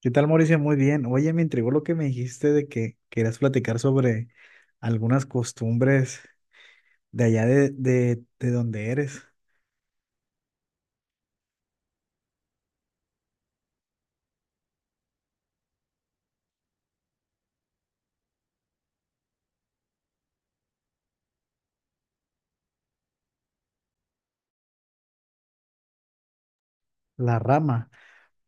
¿Qué tal, Mauricio? Muy bien. Oye, me intrigó lo que me dijiste de que querías platicar sobre algunas costumbres de allá de donde eres, la rama.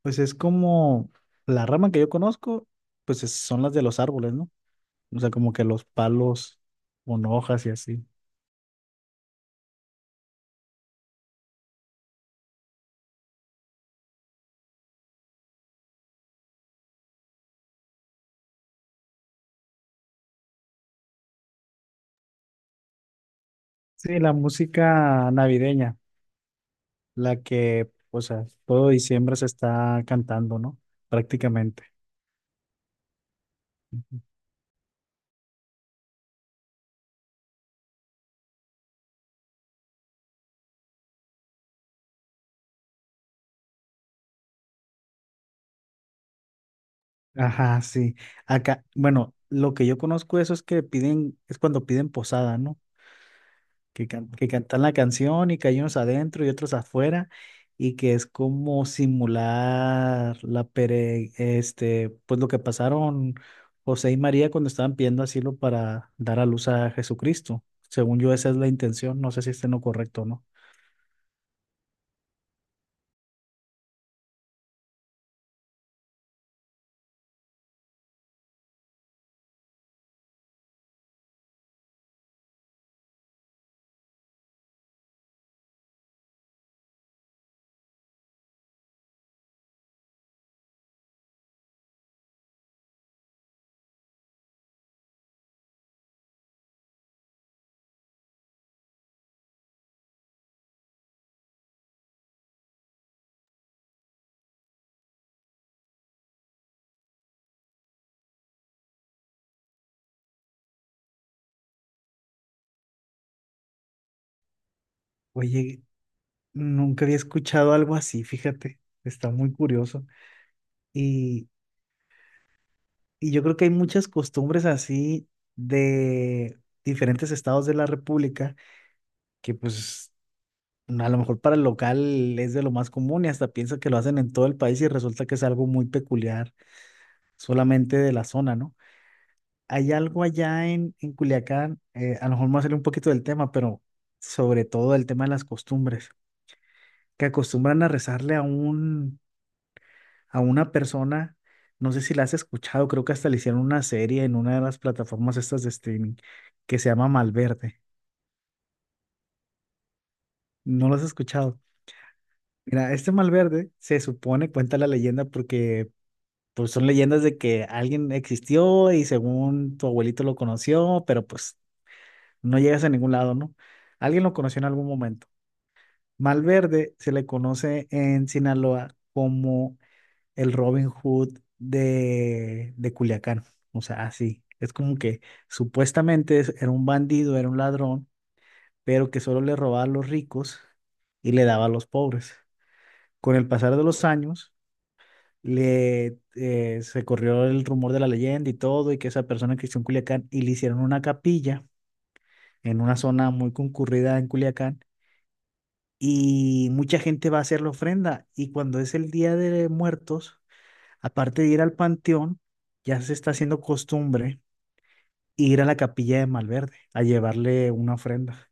Pues es como la rama que yo conozco, pues son las de los árboles, ¿no? O sea, como que los palos con hojas y así. Sí, la música navideña, la que, o sea, todo diciembre se está cantando, ¿no? Prácticamente. Ajá, sí. Acá, bueno, lo que yo conozco eso es que piden, es cuando piden posada, ¿no? Que, que cantan la canción y que hay unos adentro y otros afuera y que es como simular la pere, este, pues lo que pasaron José y María cuando estaban pidiendo asilo para dar a luz a Jesucristo. Según yo, esa es la intención. No sé si esté en lo correcto o no. Oye, nunca había escuchado algo así, fíjate. Está muy curioso. Y yo creo que hay muchas costumbres así de diferentes estados de la República que pues a lo mejor para el local es de lo más común y hasta piensa que lo hacen en todo el país y resulta que es algo muy peculiar solamente de la zona, ¿no? Hay algo allá en Culiacán, a lo mejor me va a salir un poquito del tema, pero sobre todo el tema de las costumbres, que acostumbran a rezarle a un, a una persona, no sé si la has escuchado, creo que hasta le hicieron una serie en una de las plataformas estas de streaming que se llama Malverde. ¿No lo has escuchado? Mira, este Malverde se supone, cuenta la leyenda, porque pues son leyendas de que alguien existió y según tu abuelito lo conoció, pero pues no llegas a ningún lado, ¿no? Alguien lo conoció en algún momento. Malverde se le conoce en Sinaloa como el Robin Hood de Culiacán. O sea, así. Es como que era un bandido, era un ladrón, pero que solo le robaba a los ricos y le daba a los pobres. Con el pasar de los años, se corrió el rumor de la leyenda y todo, y que esa persona existió en Culiacán, y le hicieron una capilla en una zona muy concurrida en Culiacán, y mucha gente va a hacer la ofrenda, y cuando es el Día de Muertos, aparte de ir al panteón, ya se está haciendo costumbre ir a la capilla de Malverde a llevarle una ofrenda.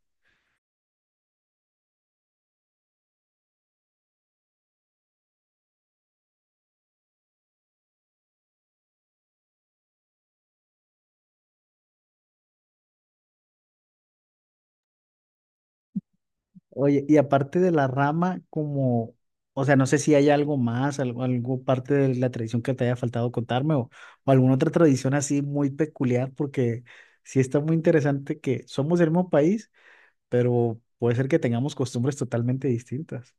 Oye, y aparte de la rama, como, o sea, no sé si hay algo más, algo, algo parte de la tradición que te haya faltado contarme o alguna otra tradición así muy peculiar, porque sí está muy interesante que somos del mismo país, pero puede ser que tengamos costumbres totalmente distintas.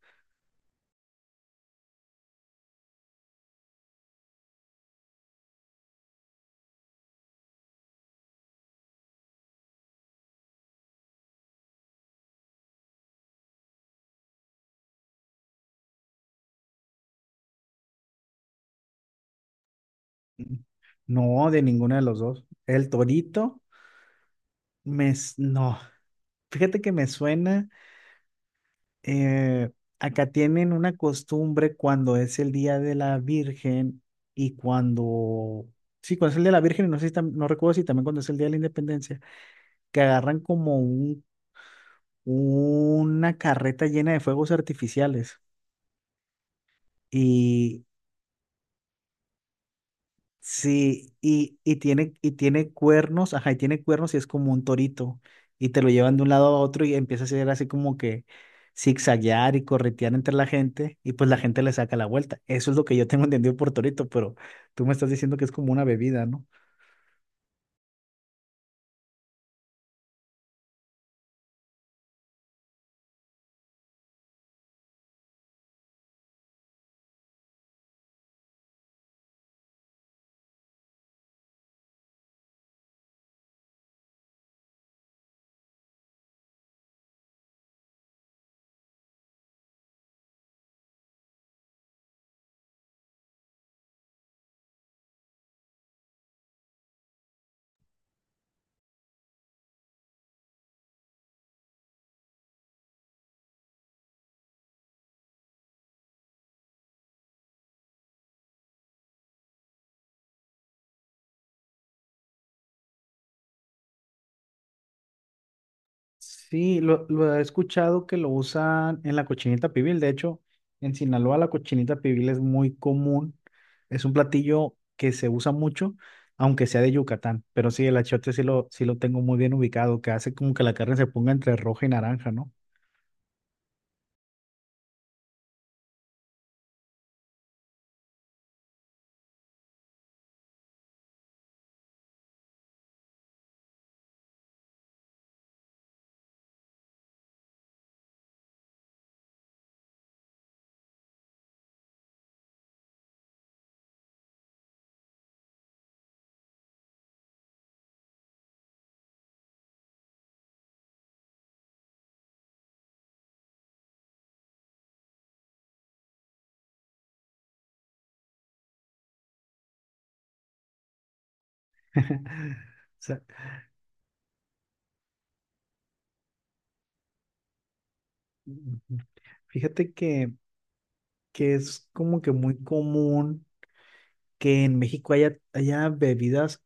Mm, no, de ninguna de los dos. El torito. No, fíjate que me suena, eh, acá tienen una costumbre cuando es el Día de la Virgen y cuando, sí, cuando es el Día de la Virgen, y no sé si no recuerdo si también cuando es el Día de la Independencia, que agarran como un, una carreta llena de fuegos artificiales. Y, sí, y tiene cuernos, ajá, y tiene cuernos y es como un torito. Y te lo llevan de un lado a otro y empieza a hacer así como que zigzaguear y corretear entre la gente, y pues la gente le saca la vuelta. Eso es lo que yo tengo entendido por torito, pero tú me estás diciendo que es como una bebida, ¿no? Sí, lo he escuchado que lo usan en la cochinita pibil. De hecho, en Sinaloa la cochinita pibil es muy común. Es un platillo que se usa mucho, aunque sea de Yucatán. Pero sí, el achiote sí lo tengo muy bien ubicado, que hace como que la carne se ponga entre roja y naranja, ¿no? O sea, ujú. Fíjate que es como que muy común que en México haya bebidas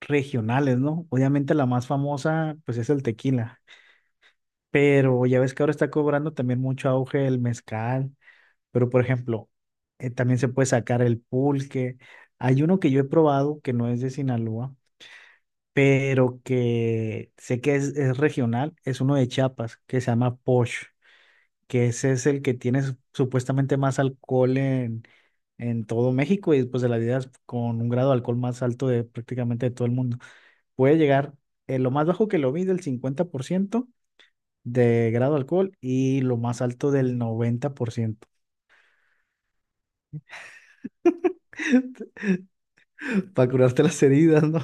regionales, ¿no? Obviamente la más famosa, pues es el tequila. Pero ya ves que ahora está cobrando también mucho auge el mezcal, pero por ejemplo, también se puede sacar el pulque. Hay uno que yo he probado que no es de Sinaloa, pero que sé que es regional, es uno de Chiapas, que se llama Posh, que ese es el que tiene supuestamente más alcohol en todo México y después de la vida con un grado de alcohol más alto de prácticamente de todo el mundo. Puede llegar, lo más bajo que lo vi del 50% de grado de alcohol y lo más alto del 90% para curarte las heridas, ¿no?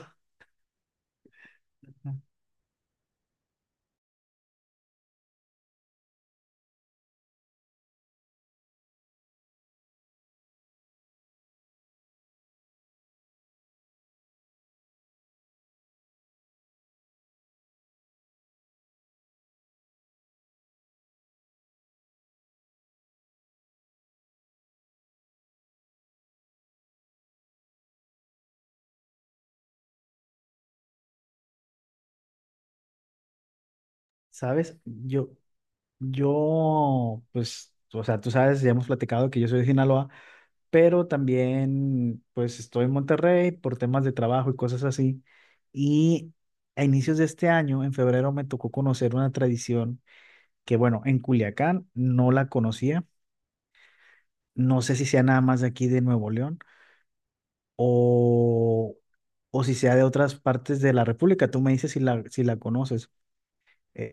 ¿Sabes? Yo, pues, o sea, tú sabes, ya hemos platicado que yo soy de Sinaloa, pero también, pues, estoy en Monterrey por temas de trabajo y cosas así. Y a inicios de este año, en febrero, me tocó conocer una tradición que, bueno, en Culiacán no la conocía. No sé si sea nada más de aquí de Nuevo León o, o si sea de otras partes de la República. Tú me dices si si la conoces. E-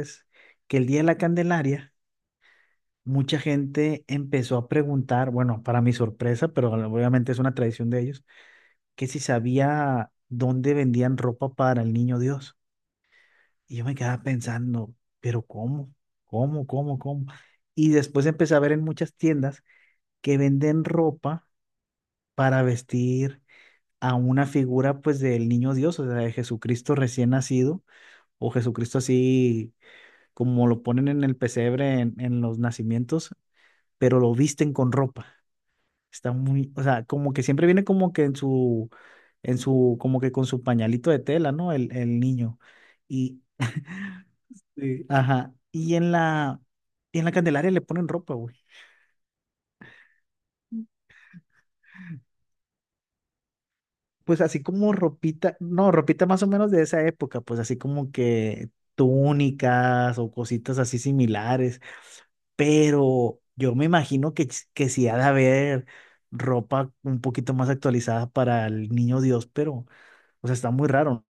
Es que el Día de la Candelaria, mucha gente empezó a preguntar, bueno, para mi sorpresa, pero obviamente es una tradición de ellos, que si sabía dónde vendían ropa para el niño Dios. Y yo me quedaba pensando, pero ¿cómo? ¿Cómo? ¿Cómo? ¿Cómo? Y después empecé a ver en muchas tiendas que venden ropa para vestir a una figura pues del niño Dios, o sea, de Jesucristo recién nacido, o Jesucristo así como lo ponen en el pesebre en los nacimientos, pero lo visten con ropa. Está muy, o sea, como que siempre viene como que en su, como que con su pañalito de tela, ¿no? El niño. Y, sí, ajá, y en la Candelaria le ponen ropa, güey. Pues así como ropita, no, ropita más o menos de esa época, pues así como que túnicas o cositas así similares, pero yo me imagino que, que sí ha de haber ropa un poquito más actualizada para el niño Dios, pero, o sea, está muy raro,